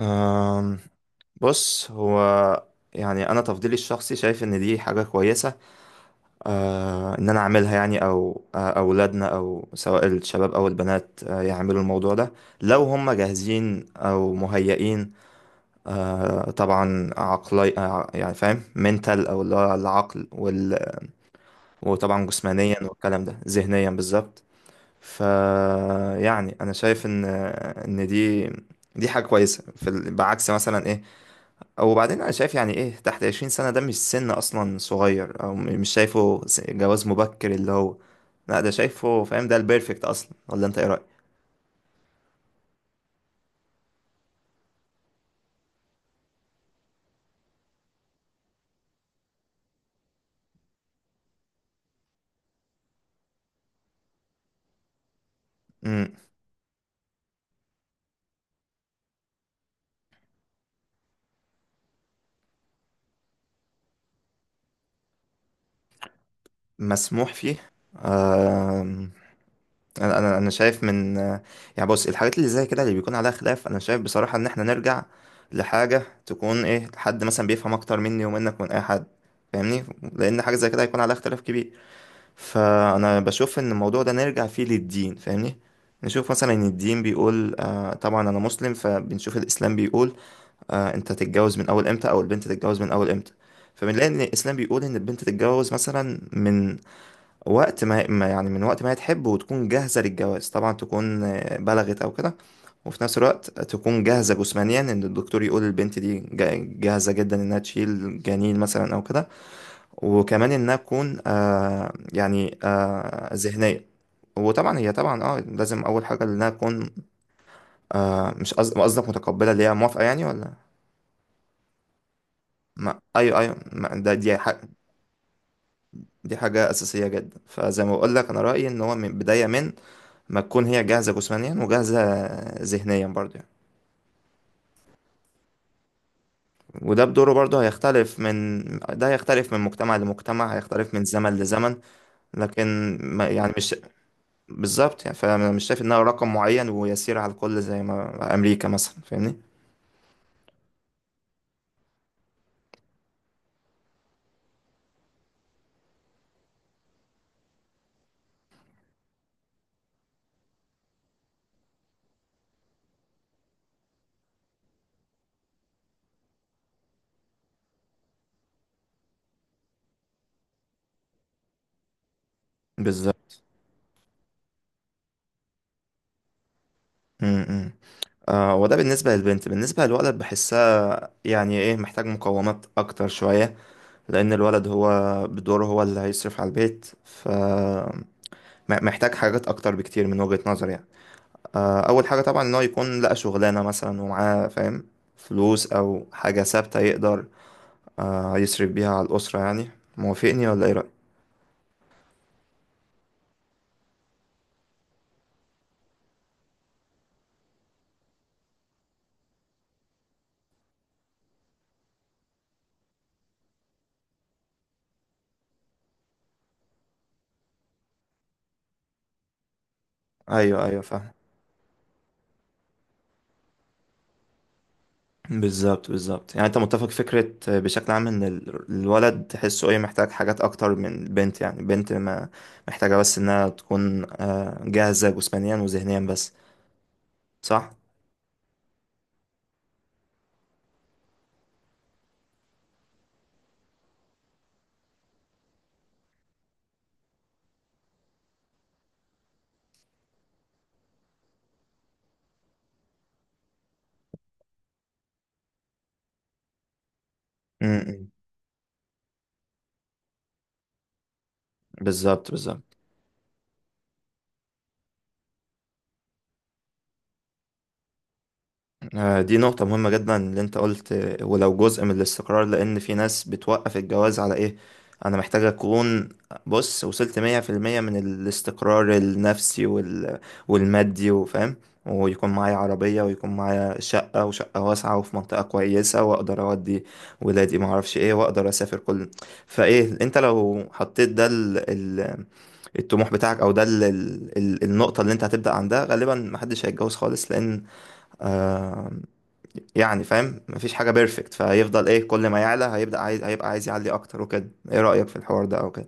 أم، بص، هو يعني انا تفضيلي الشخصي شايف ان دي حاجه كويسه. ان انا اعملها، يعني، او اولادنا، او سواء الشباب او البنات، يعملوا الموضوع ده لو هم جاهزين او مهيئين. طبعا عقلي، يعني فاهم، منتال، او اللي هو العقل وطبعا جسمانيا والكلام ده ذهنيا بالظبط. ف يعني انا شايف ان دي حاجه كويسه في بعكس مثلا، ايه. وبعدين انا شايف، يعني، ايه، تحت 20 سنة ده مش سن اصلا صغير، او مش شايفه جواز مبكر اللي هو. لا، ده شايفه، فاهم، ده البيرفكت اصلا، ولا انت ايه رأيك؟ امم مسموح فيه. آم، انا شايف من. يعني، بص، الحاجات اللي زي كده اللي بيكون عليها خلاف، انا شايف بصراحة ان احنا نرجع لحاجة، تكون، ايه، حد مثلا بيفهم اكتر مني ومنك، من اي حد. فاهمني؟ لان حاجة زي كده هيكون عليها اختلاف كبير. فانا بشوف ان الموضوع ده نرجع فيه للدين. فاهمني؟ نشوف مثلا ان الدين بيقول، طبعا انا مسلم، فبنشوف الاسلام بيقول. انت تتجوز من اول امتى، او البنت تتجوز من اول امتى. فبنلاقي ان الاسلام بيقول ان البنت تتجوز مثلا من وقت ما يعني من وقت ما هي تحب وتكون جاهزة للجواز، طبعا تكون بلغت او كده. وفي نفس الوقت تكون جاهزة جسمانيا، ان الدكتور يقول البنت دي جاهزة جدا انها تشيل جنين مثلا او كده. وكمان انها تكون يعني ذهنيه. وطبعا هي طبعا، لازم اول حاجه انها تكون. مش قصدك متقبله، اللي هي موافقه، يعني، ولا؟ ما ايوه، ايوه، ما ده دي حاجه اساسيه جدا. فزي ما بقول لك، انا رايي ان هو من بدايه ما تكون هي جاهزه جسمانيا وجاهزه ذهنيا، برضه يعني. وده بدوره برضه هيختلف من مجتمع لمجتمع، هيختلف من زمن لزمن. لكن ما يعني مش بالظبط. يعني، فانا مش شايف انها رقم معين ويسير على الكل زي ما امريكا مثلا. فاهمني؟ بالظبط. امم وده بالنسبه للبنت. بالنسبه للولد بحسها، يعني، ايه، محتاج مقومات اكتر شويه. لان الولد هو بدوره، هو اللي هيصرف على البيت. محتاج حاجات اكتر بكتير من وجهه نظري، يعني. اول حاجه طبعا ان هو يكون لقى شغلانه مثلا، ومعاه، فاهم، فلوس او حاجه ثابته يقدر يصرف بيها على الاسره، يعني. موافقني ولا ايه رايك؟ ايوه، ايوه، فاهم. بالظبط، بالظبط. يعني، انت متفق، فكرة، بشكل عام، ان الولد تحسه، ايه، محتاج حاجات اكتر من البنت. يعني البنت ما محتاجة بس انها تكون، جاهزة جسمانيا وذهنيا بس. صح؟ م- م. بالظبط، بالظبط. دي نقطة مهمة جدا اللي انت قلت، ولو جزء من الاستقرار، لأن في ناس بتوقف الجواز على، ايه، أنا محتاج أكون، بص، وصلت مية في المية من الاستقرار النفسي والمادي، وفاهم، ويكون معايا عربية، ويكون معايا شقة، وشقة واسعة وفي منطقة كويسة، وأقدر أودي ولادي، معرفش ايه، وأقدر أسافر كل. فايه، انت لو حطيت ده الطموح بتاعك، أو ده النقطة اللي انت هتبدأ عندها، غالبا محدش هيتجوز خالص. لأن، آه، يعني، فاهم، مفيش حاجة بيرفكت، فهيفضل، ايه، كل ما يعلى هيبدأ عايز، هيبقى عايز يعلي اكتر وكده. ايه رأيك في الحوار ده او كده؟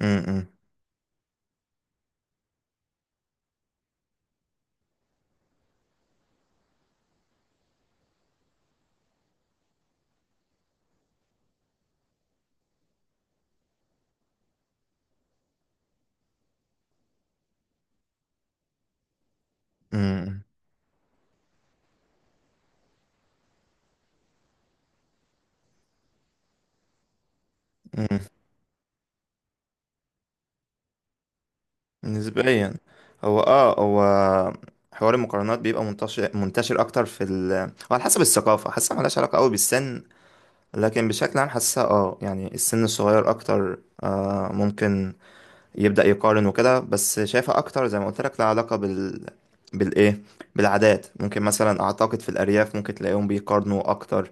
امم. امم. امم. إمم. إمم. نسبيا. هو حوار المقارنات بيبقى منتشر اكتر في وعلى حسب الثقافة، حاسة ملهاش علاقة قوي بالسن. لكن بشكل عام حاسة، يعني، السن الصغير اكتر ممكن يبدأ يقارن وكده. بس شايفة اكتر، زي ما قلت لك، لها علاقة بالايه بالعادات. ممكن مثلا، اعتقد في الارياف ممكن تلاقيهم بيقارنوا اكتر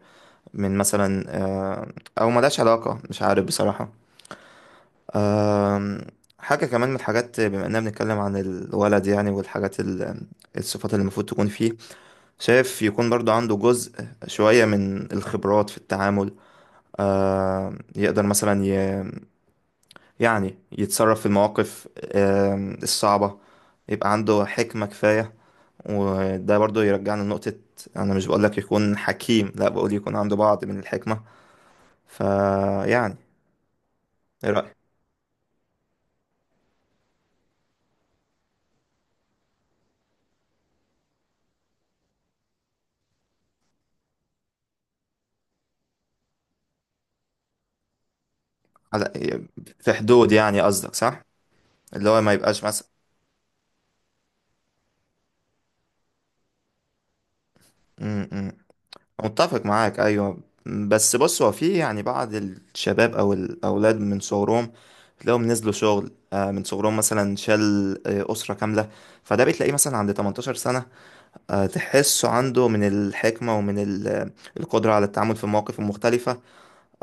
من مثلا، او ملهاش علاقة، مش عارف بصراحة. آم، حاجة كمان من الحاجات، بما اننا بنتكلم عن الولد، يعني، والحاجات الصفات اللي المفروض تكون فيه. شايف يكون برضو عنده جزء شوية من الخبرات في التعامل. يقدر مثلا يعني يتصرف في المواقف الصعبة. يبقى عنده حكمة كفاية. وده برضو يرجعنا لنقطة، أنا مش بقولك يكون حكيم، لا، بقول يكون عنده بعض من الحكمة. فيعني، ايه رأيك؟ على في حدود، يعني قصدك، صح؟ اللي هو ما يبقاش مثلا. م- م. متفق معاك، ايوه. بس، بص، هو في، يعني، بعض الشباب او الاولاد من صغرهم، تلاقيهم نزلوا شغل، من صغرهم مثلا، شال، اسره كامله. فده بتلاقيه مثلا عند 18 سنه، تحسه عنده من الحكمه ومن القدره على التعامل في المواقف المختلفه،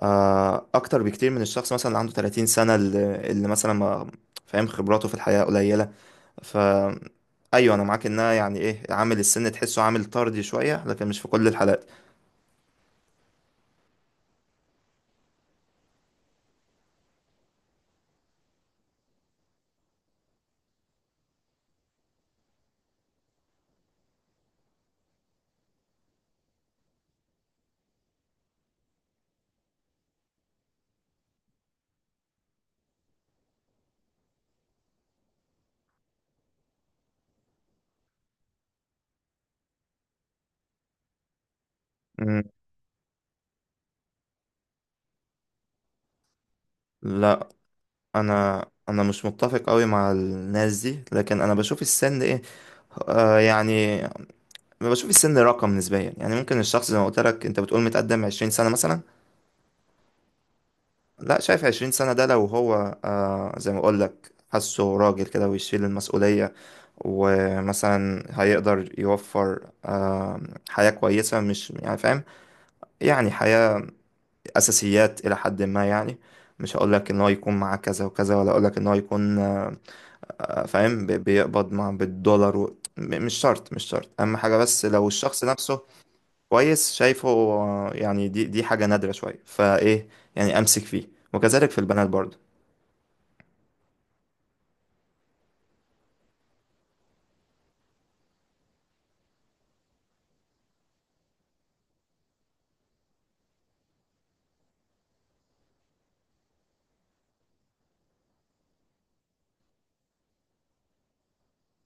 اكتر بكتير من الشخص مثلا اللي عنده 30 سنه، اللي مثلا، ما فاهم، خبراته في الحياه قليله. ف ايوه، انا معاك، انها، يعني، ايه، عامل السن تحسه عامل طردي شويه، لكن مش في كل الحالات. مم. لا. انا مش متفق قوي مع الناس دي، لكن انا بشوف السن، ايه، يعني، بشوف السن رقم نسبيا، يعني ممكن الشخص زي ما قلت لك، انت بتقول متقدم 20 سنه مثلا. لا، شايف 20 سنه ده لو هو، زي ما اقول لك، حاسه راجل كده ويشيل المسؤوليه، ومثلا هيقدر يوفر، حياه كويسه، مش، يعني، فاهم، يعني، حياه، اساسيات الى حد ما، يعني. مش هقول لك ان هو يكون معاه كذا وكذا، ولا اقول لك ان هو يكون، فاهم، بيقبض مع بالدولار مش شرط، مش شرط، اهم حاجه بس لو الشخص نفسه كويس. شايفه، يعني، دي حاجه نادره شويه، فايه، يعني، امسك فيه، وكذلك في البنات برضه.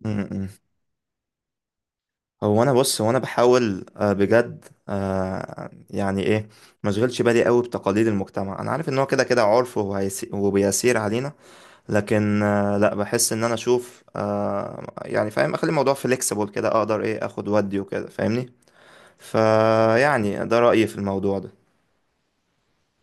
م- م. هو انا، بص، هو انا بحاول، بجد، يعني، ايه، مشغلش بالي قوي بتقاليد المجتمع. انا عارف ان هو كده كده عرف، وبيسير علينا. لكن، لا، بحس ان انا اشوف، يعني، فاهم، اخلي الموضوع فليكسيبل كده، اقدر، ايه، اخد ودي وكده. فاهمني؟ فيعني، ده رأيي في الموضوع ده.